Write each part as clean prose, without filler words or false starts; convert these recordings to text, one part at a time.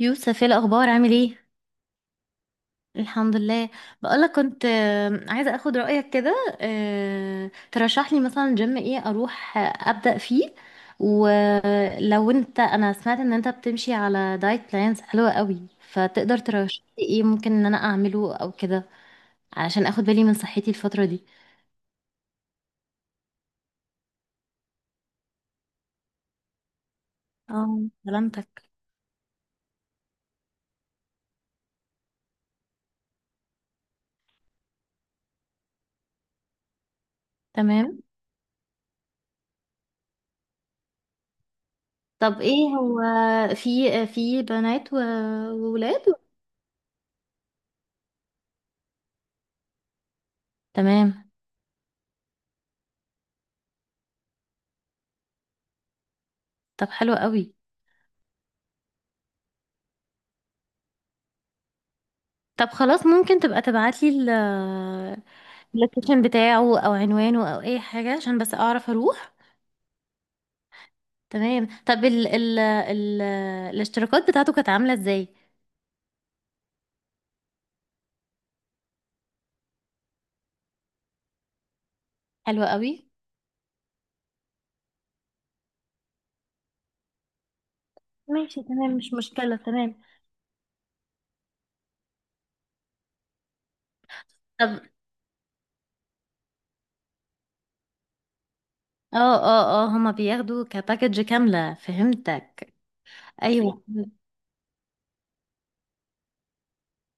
يوسف، ايه الاخبار؟ عامل ايه؟ الحمد لله. بقولك كنت عايزه اخد رايك كده. ترشح لي مثلا جيم ايه اروح ابدا فيه. ولو انت انا سمعت ان انت بتمشي على دايت بلانز حلوه قوي، فتقدر ترشح لي ايه ممكن ان انا اعمله او كده، علشان اخد بالي من صحتي الفتره دي. اه، سلامتك. تمام. طب ايه هو، في في بنات وولاد. تمام. طب حلو قوي. طب خلاص، ممكن تبقى تبعتلي اللوكيشن بتاعه او عنوانه او اي حاجة عشان بس اعرف اروح. تمام. طب ال ال ال الاشتراكات بتاعته كانت عاملة ازاي؟ حلوة قوي. ماشي تمام، مش مشكلة، تمام. طب، اه اه اه، هما بياخدوا كباكج كاملة، فهمتك. ايوه.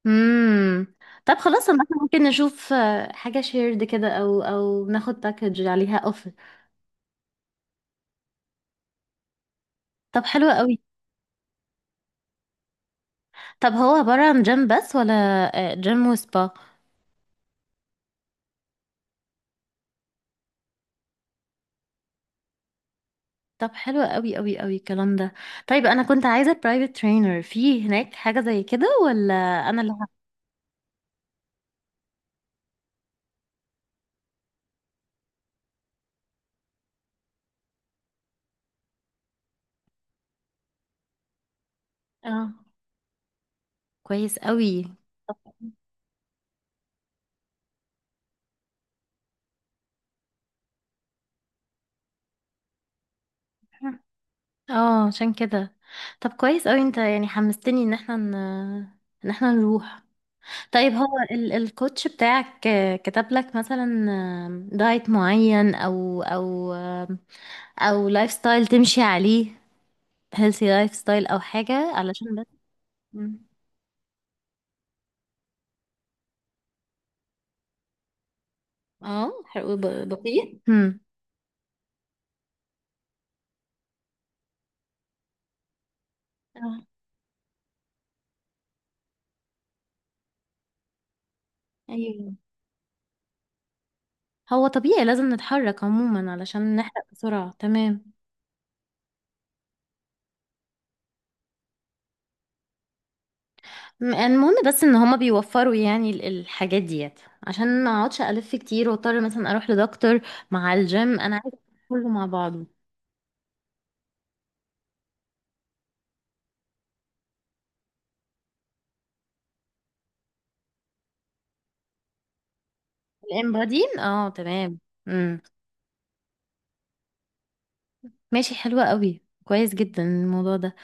امم. طب خلاص، إحنا ممكن نشوف حاجة شيرد كده، او او ناخد باكج عليها اوفر. طب حلوة قوي. طب هو عبارة عن جيم بس، ولا جيم وسبا؟ طب حلو قوي قوي قوي الكلام ده. طيب، انا كنت عايزه برايفت ترينر في هناك، حاجه زي كده ولا؟ انا اللي ه- اه، كويس قوي. طب حلو. اه، عشان كده. طب كويس قوي، انت يعني حمستني ان احنا نروح. طيب، هو الكوتش بتاعك كتب لك مثلا دايت معين، او لايف ستايل تمشي عليه، هيلثي لايف ستايل، او حاجه علشان بس. مم. اه، حلو، بسيط. مم. ايوه، هو طبيعي لازم نتحرك عموما علشان نحرق بسرعة، تمام. المهم بس ان هما بيوفروا يعني الحاجات ديت، عشان ما اقعدش الف كتير واضطر مثلا اروح لدكتور مع الجيم، انا عايزة كله مع بعضه. الامبادين، اه تمام. امم. ماشي، حلوة قوي، كويس جدا الموضوع ده.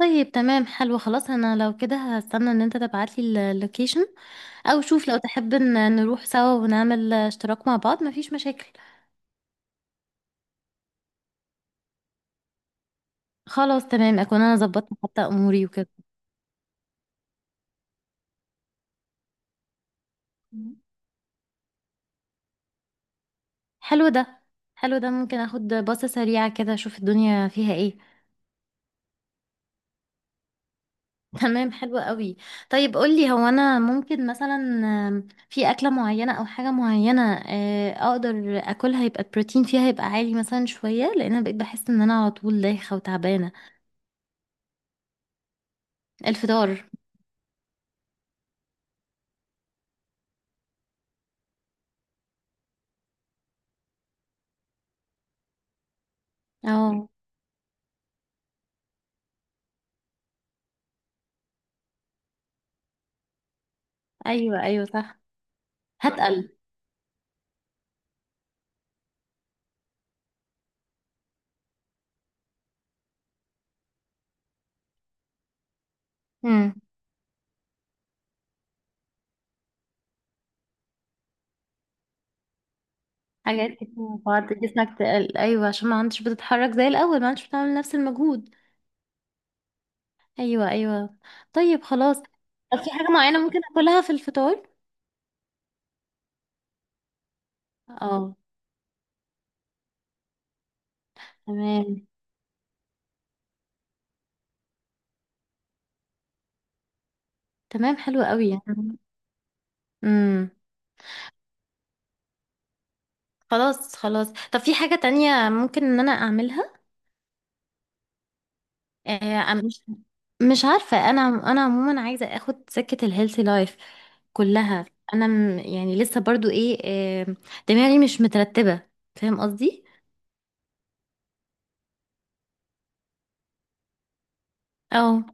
طيب تمام، حلو، خلاص. انا لو كده هستنى ان انت تبعتلي اللوكيشن، او شوف لو تحب ان نروح سوا ونعمل اشتراك مع بعض، مفيش مشاكل. خلاص تمام، اكون انا ظبطت حتى اموري وكده. مم. حلو ده حلو ده ممكن اخد باصة سريعة كده اشوف الدنيا فيها ايه. تمام، حلو قوي. طيب قولي، هو انا ممكن مثلا في اكلة معينة او حاجة معينة اقدر اكلها يبقى البروتين فيها يبقى عالي مثلا شوية، لان انا بقيت بحس ان انا على طول دايخة وتعبانة. الفطار. اه. ايوه ايوه صح. هتقل. امم. حاجات كتير مع بعض جسمك تقل، ايوه، عشان ما عندش بتتحرك زي الاول، ما عندش بتعمل نفس المجهود. ايوه ايوه. طيب خلاص. طب في حاجة معينة ممكن اكلها في الفطار؟ اه، تمام تمام، حلو قوي. امم. خلاص خلاص. طب في حاجة تانية ممكن ان انا اعملها؟ مش مش عارفة انا. انا عموما عايزة اخد سكة الهيلثي لايف كلها. انا يعني لسه برضو ايه، آه، دماغي مش مترتبة، فاهم قصدي؟ اه.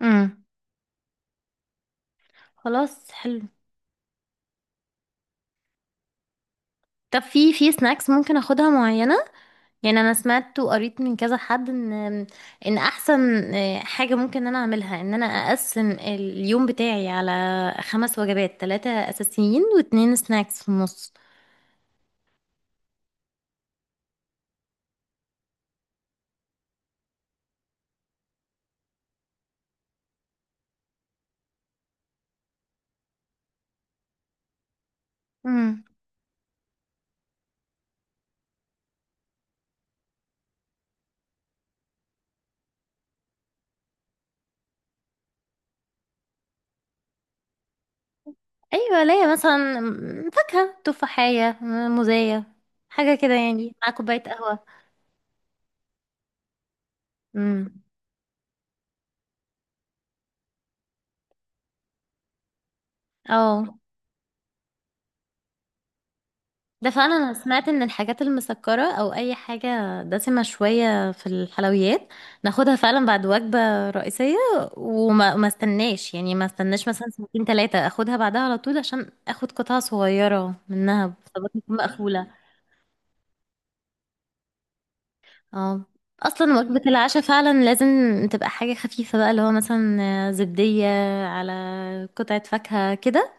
امم. خلاص حلو. طب في سناكس ممكن اخدها معينة، يعني انا سمعت وقريت من كذا حد ان احسن حاجه ممكن انا اعملها ان انا اقسم اليوم بتاعي على خمس وجبات، ثلاثه اساسيين واتنين سناكس في النص. امم. ايوه، ليا مثلا فاكهه تفاحيه موزايه، حاجه كده يعني، مع كوبايه قهوه. امم. اه. ده فعلا، انا سمعت ان الحاجات المسكرة او اي حاجة دسمة شوية في الحلويات، ناخدها فعلا بعد وجبة رئيسية، وما ما استناش، يعني ما استناش مثلا ساعتين ثلاثة، اخدها بعدها على طول عشان اخد قطعة صغيرة منها بطبقة تكون مقفولة. اه. اصلا وجبة العشاء فعلا لازم تبقى حاجة خفيفة بقى، اللي هو مثلا زبدية على قطعة فاكهة كده،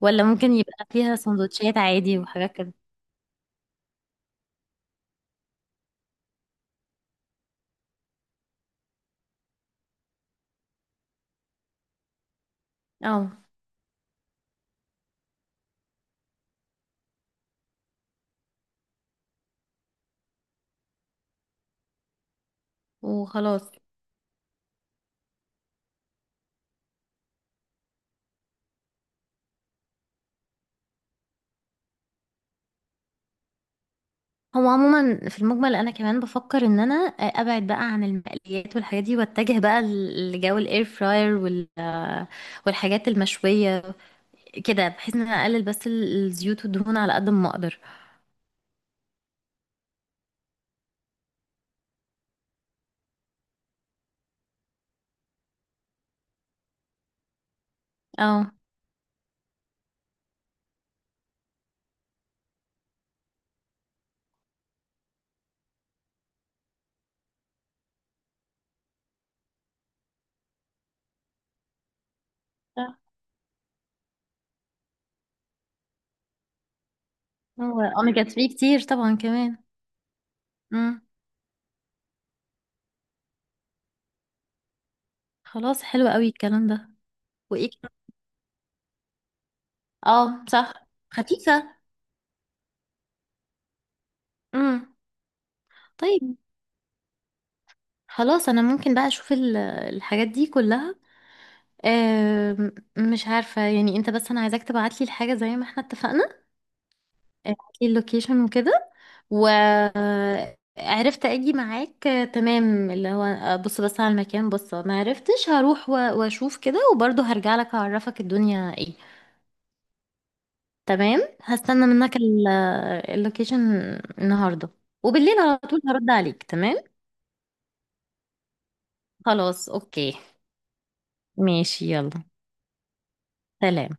ولا ممكن يبقى فيها سندوتشات عادي وحاجات كده؟ اه، وخلاص. هو عموما في المجمل انا كمان بفكر ان انا ابعد بقى عن المقليات والحاجات دي، واتجه بقى لجو الاير فراير والحاجات المشويه كده، بحيث ان انا اقلل بس الزيوت والدهون على قد ما اقدر. اه صح. هو اوميجا 3 كتير طبعا كمان. امم. خلاص حلو قوي الكلام ده. وايه كمان؟ اه صح. خفيفه. امم. طيب خلاص، انا ممكن بقى اشوف الحاجات دي كلها. مش عارفة يعني، انت بس انا عايزاك تبعتلي الحاجة زي ما احنا اتفقنا، ابعتلي اللوكيشن وكده وعرفت اجي معاك. تمام، اللي هو بص بس على المكان، بص ما عرفتش هروح واشوف كده، وبرضه هرجع لك اعرفك الدنيا ايه. تمام، هستنى منك اللوكيشن النهارده، وبالليل على طول هرد عليك، تمام. خلاص، اوكي. ماشي يلا، سلام.